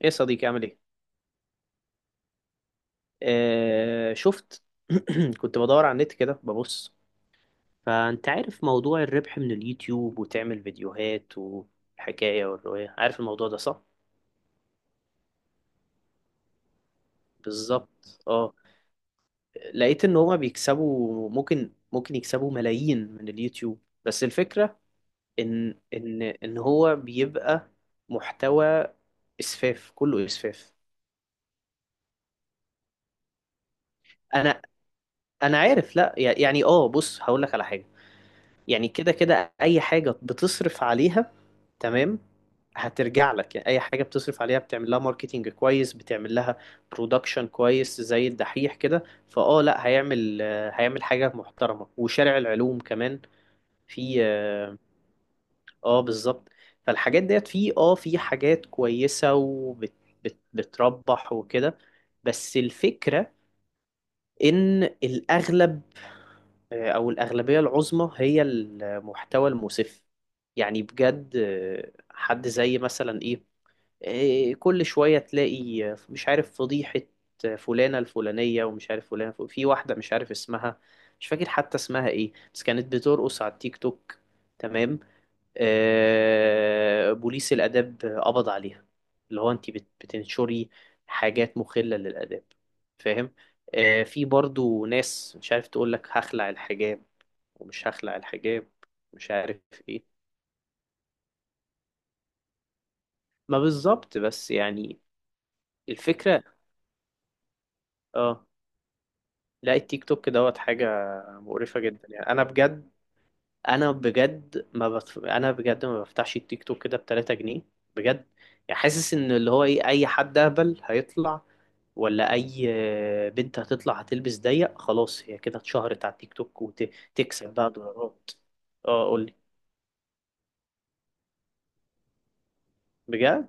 ايه يا صديقي عامل ايه؟ آه شفت. كنت بدور على النت كده ببص. فانت عارف موضوع الربح من اليوتيوب وتعمل فيديوهات والحكاية والرواية، عارف الموضوع ده صح؟ بالظبط اه. لقيت ان هما بيكسبوا ممكن يكسبوا ملايين من اليوتيوب، بس الفكرة ان هو بيبقى محتوى اسفاف، كله اسفاف. انا انا عارف، لا يعني بص هقول لك على حاجة. يعني كده كده اي حاجة بتصرف عليها، تمام، هترجع لك. يعني اي حاجه بتصرف عليها، بتعمل لها ماركتينج كويس، بتعمل لها برودكشن كويس زي الدحيح كده. لا هيعمل، هيعمل حاجه محترمه، وشارع العلوم كمان في آه، بالظبط. فالحاجات ديت في في حاجات كويسه وبتربح وكده. بس الفكره ان الاغلب، او الاغلبيه العظمى، هي المحتوى المسف. يعني بجد، حد زي مثلا ايه، إيه، كل شوية تلاقي، مش عارف، فضيحة، فلانة الفلانية، ومش عارف فلانة في واحدة مش عارف اسمها، مش فاكر حتى اسمها ايه، بس كانت بترقص على التيك توك، تمام، بوليس الآداب قبض عليها. اللي هو انت بتنشري حاجات مخلة للآداب، فاهم؟ في برضو ناس مش عارف، تقول لك هخلع الحجاب ومش هخلع الحجاب، مش عارف ايه. ما بالظبط، بس يعني الفكرة. اه. لا التيك توك دوت حاجة مقرفة جدا، يعني أنا بجد، أنا بجد ما بتف... أنا بجد ما بفتحش التيك توك كده بتلاتة جنيه، بجد. يعني حاسس إن اللي هو إيه، أي حد أهبل هيطلع، ولا أي بنت هتطلع هتلبس ضيق، خلاص هي كده اتشهرت على التيك توك وتكسب بقى دولارات. اه قولي، بجد؟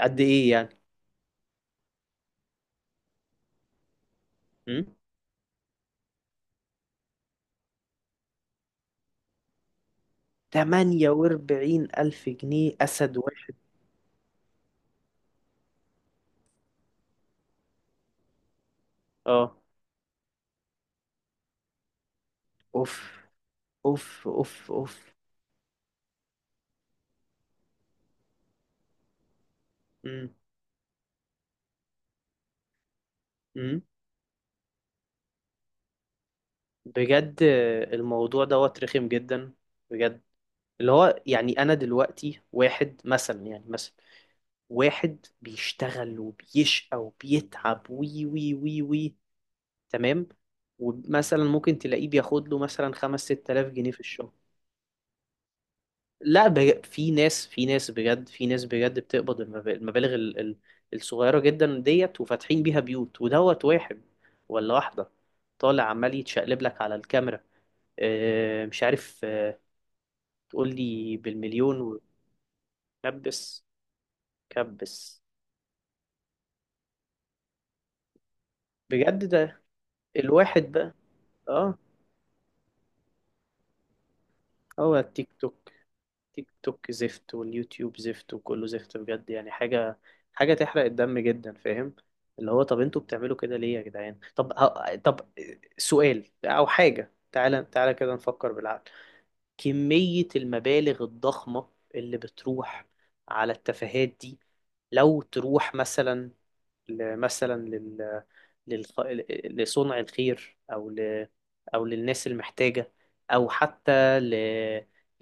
قد إيه يعني؟ م? 48 ألف جنيه أسد واحد؟ اه. أوف أوف أوف أوف. م? م? بجد الموضوع دوت رخم جدا، بجد. اللي هو يعني انا دلوقتي، واحد مثلا، يعني مثلا واحد بيشتغل وبيشقى وبيتعب وي، تمام، ومثلا ممكن تلاقيه بياخد له مثلا 5 6 آلاف جنيه في الشهر. لا بج... في ناس، في ناس بجد، في ناس بجد بتقبض المبالغ الصغيرة جدا ديت وفاتحين بيها بيوت. ودوت واحد ولا واحدة طالع عمال يتشقلب لك على الكاميرا، مش عارف، تقول لي بالمليون. وكبس كبس، بجد؟ ده الواحد بقى، اه. هو التيك توك، تيك توك زفت واليوتيوب زفت وكله زفت، بجد. يعني حاجة، حاجة تحرق الدم جدا، فاهم؟ اللي هو طب انتوا بتعملوا كده ليه يا جدعان؟ طب طب سؤال او حاجة، تعالى تعالى كده نفكر بالعقل. كمية المبالغ الضخمة اللي بتروح على التفاهات دي، لو تروح مثلا مثلا للخ... لصنع الخير، او او للناس المحتاجة، او حتى ل...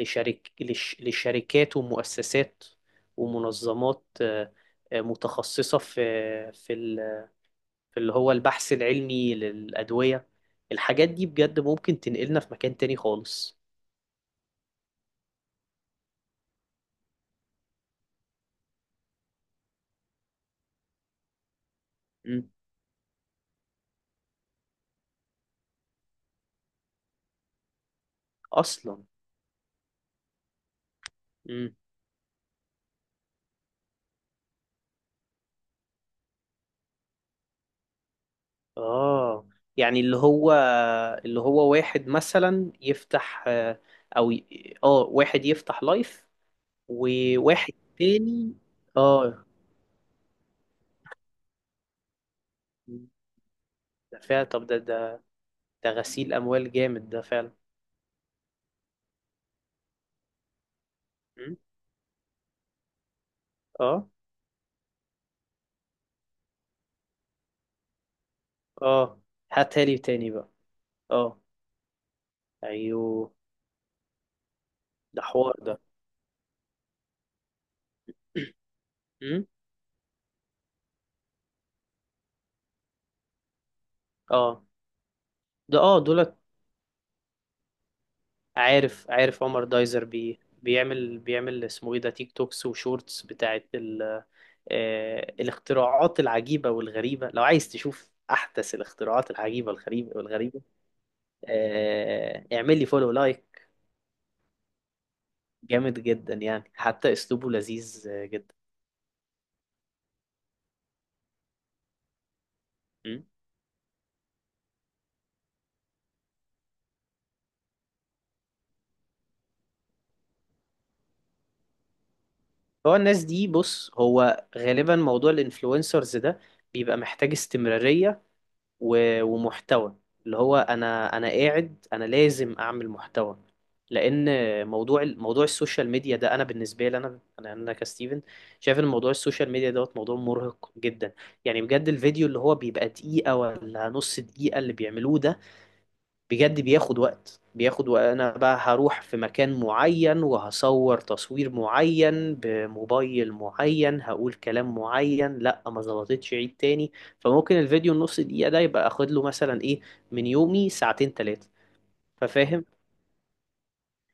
لشرك... لش... لشركات ومؤسسات ومنظمات، متخصصة في في ال... في اللي هو البحث العلمي للأدوية، الحاجات دي بجد ممكن تنقلنا في مكان تاني خالص. مم. أصلا اه. يعني اللي هو، اللي هو واحد مثلا يفتح او واحد يفتح لايف، وواحد تاني اه. ده فعلا، طب ده ده، ده غسيل اموال جامد ده فعلا. م? اه اه. هاتها لي تاني بقى. اه ايوه. ده حوار ده. م? اه ده اه دولت. عارف، عارف عمر دايزر، بي بيعمل بيعمل اسمه ايه ده تيك توكس وشورتس بتاعت ال، الاختراعات العجيبة والغريبة. لو عايز تشوف أحدث الاختراعات العجيبة والغريبة والغريبة، اعمل لي فولو لايك. جامد جدا، يعني حتى أسلوبه لذيذ جدا. م? هو الناس دي، بص، هو غالبا موضوع الانفلونسرز ده بيبقى محتاج استمرارية، ومحتوى. اللي هو انا قاعد، انا لازم اعمل محتوى، لان موضوع موضوع السوشيال ميديا ده، انا بالنسبه لي، انا كستيفن شايف ان موضوع السوشيال ميديا دوت موضوع مرهق جدا. يعني بجد الفيديو اللي هو بيبقى دقيقه ولا نص دقيقه اللي بيعملوه ده، بجد بياخد وقت. انا بقى هروح في مكان معين وهصور تصوير معين بموبايل معين، هقول كلام معين، لا ما ظبطتش، عيد تاني. فممكن الفيديو النص دقيقة ده يبقى اخد له مثلا ايه، من يومي ساعتين تلاتة. ففاهم.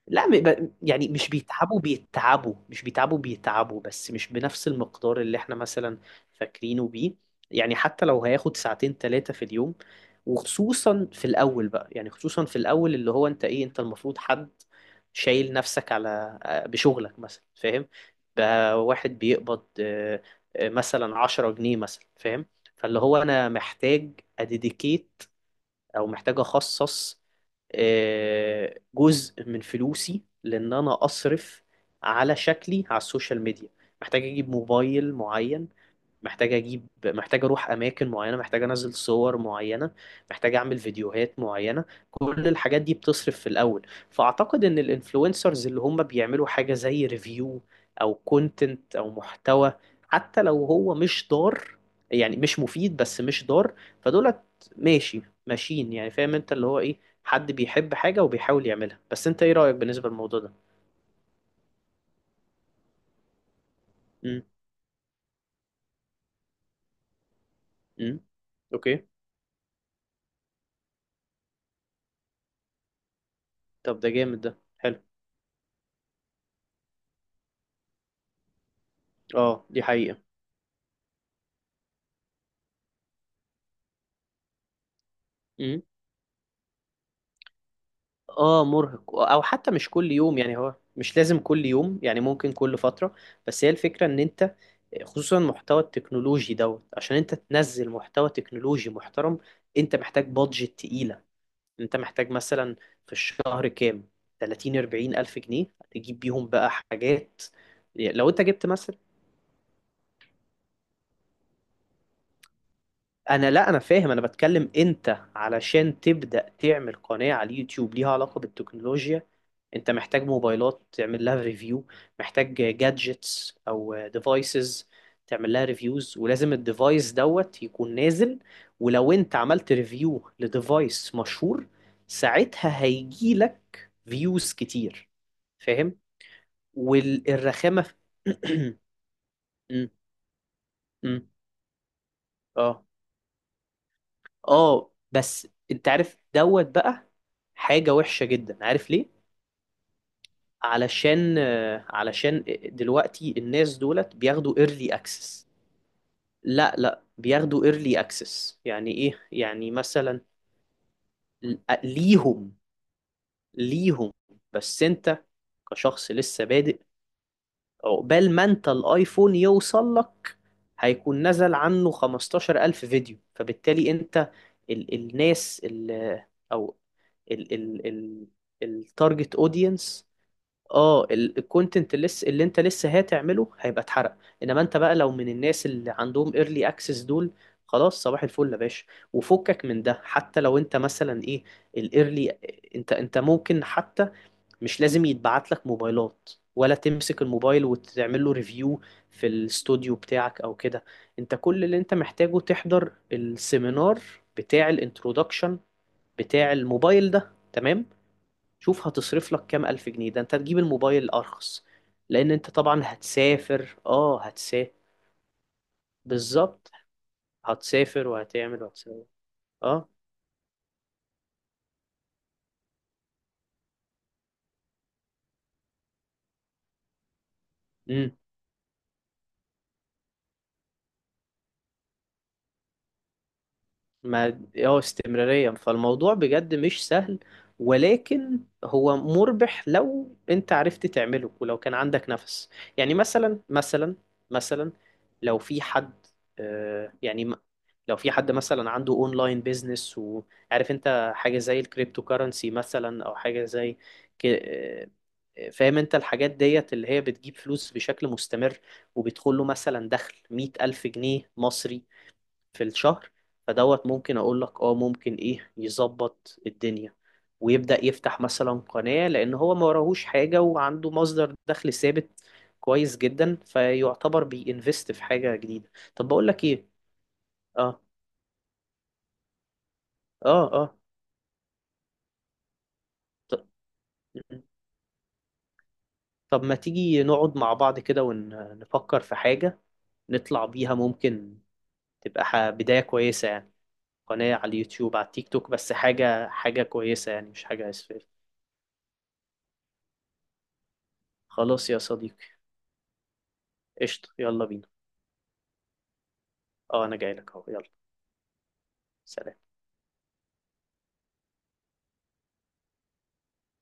لا يعني مش بيتعبوا، بيتعبوا، مش بيتعبوا، بيتعبوا، بس مش بنفس المقدار اللي احنا مثلا فاكرينه بيه. يعني حتى لو هياخد ساعتين ثلاثة في اليوم، وخصوصا في الأول بقى، يعني خصوصا في الأول، اللي هو انت ايه، انت المفروض حد شايل نفسك على بشغلك مثلا، فاهم؟ بقى واحد بيقبض مثلا 10 جنيه مثلا، فاهم؟ فاللي هو انا محتاج اديديكيت، او محتاج اخصص جزء من فلوسي، لان انا اصرف على شكلي على السوشيال ميديا، محتاج اجيب موبايل معين، محتاج اروح اماكن معينه، محتاج انزل صور معينه، محتاج اعمل فيديوهات معينه. كل الحاجات دي بتصرف في الاول. فاعتقد ان الانفلونسرز اللي هم بيعملوا حاجه زي ريفيو، او كونتنت او محتوى، حتى لو هو مش ضار، يعني مش مفيد بس مش ضار، فدولت ماشي، ماشيين يعني، فاهم انت، اللي هو ايه، حد بيحب حاجه وبيحاول يعملها. بس انت ايه رايك بالنسبه للموضوع ده؟ امم. امم. اوكي. طب ده جامد، ده حلو. اه دي حقيقه. اه مرهق، او حتى مش كل يوم، يعني هو مش لازم كل يوم، يعني ممكن كل فترة. بس هي الفكرة ان انت، خصوصا المحتوى التكنولوجي دوت، عشان انت تنزل محتوى تكنولوجي محترم انت محتاج بادجت تقيلة. انت محتاج مثلا في الشهر كام، 30 40 الف جنيه، تجيب بيهم بقى حاجات. لو انت جبت مثلا، انا لا انا فاهم، انا بتكلم انت علشان تبدأ تعمل قناة على اليوتيوب ليها علاقة بالتكنولوجيا، انت محتاج موبايلات تعمل لها ريفيو، محتاج جادجتس او ديفايسز تعمل لها ريفيوز، ولازم الديفايس دوت يكون نازل. ولو انت عملت ريفيو لديفايس مشهور، ساعتها هيجي لك فيوز كتير، فاهم؟ والرخامة في... م- م. اه اه بس انت عارف دوت بقى حاجة وحشة جدا، عارف ليه؟ علشان علشان دلوقتي الناس دولت بياخدوا early access. لا بياخدوا early access يعني ايه، يعني مثلا ل- ليهم، ليهم، بس انت كشخص لسه بادئ، عقبال ما انت الايفون يوصل لك هيكون نزل عنه 15,000 ألف فيديو، فبالتالي انت، ال الناس ال او ال ال ال التارجت اودينس، اه الكونتنت اللي لسه، اللي انت لسه هتعمله هيبقى اتحرق. انما انت بقى لو من الناس اللي عندهم ايرلي اكسس دول، خلاص صباح الفل يا باشا، وفكك من ده. حتى لو انت مثلا ايه الايرلي، انت، انت ممكن حتى مش لازم يتبعت لك موبايلات ولا تمسك الموبايل وتعمل له ريفيو في الاستوديو بتاعك او كده. انت كل اللي انت محتاجه تحضر السيمينار بتاع الانترودكشن بتاع الموبايل ده، تمام؟ شوف هتصرف لك كام ألف جنيه، ده انت تجيب الموبايل الأرخص. لأن انت طبعا هتسافر، هتسافر، بالظبط، هتسافر وهتعمل وهتسافر، اه. امم. ما استمرارية. فالموضوع بجد مش سهل، ولكن هو مربح لو انت عرفت تعمله ولو كان عندك نفس. يعني مثلا، مثلا، مثلا، لو في حد يعني لو في حد مثلا عنده اونلاين بيزنس، وعارف انت حاجة زي الكريبتو كارنسي مثلا، او حاجة زي ك... آه، فاهم انت الحاجات ديت اللي هي بتجيب فلوس بشكل مستمر، وبيدخل له مثلا دخل 100,000 جنيه مصري في الشهر، فدوت ممكن اقول لك اه ممكن ايه يظبط الدنيا ويبدأ يفتح مثلا قناة، لان هو ما وراهوش حاجة وعنده مصدر دخل ثابت كويس جدا، فيعتبر بينفست في حاجة جديدة. طب بقول لك ايه، اه اه اه. ط- طب ما تيجي نقعد مع بعض كده ونفكر في حاجة نطلع بيها، ممكن تبقى بداية كويسة يعني، قناة على اليوتيوب، على التيك توك، بس حاجة، حاجة كويسة يعني، مش حاجة اسفل. خلاص يا صديقي، قشطة، يلا بينا. اه انا جاي لك اهو، يلا. سلام.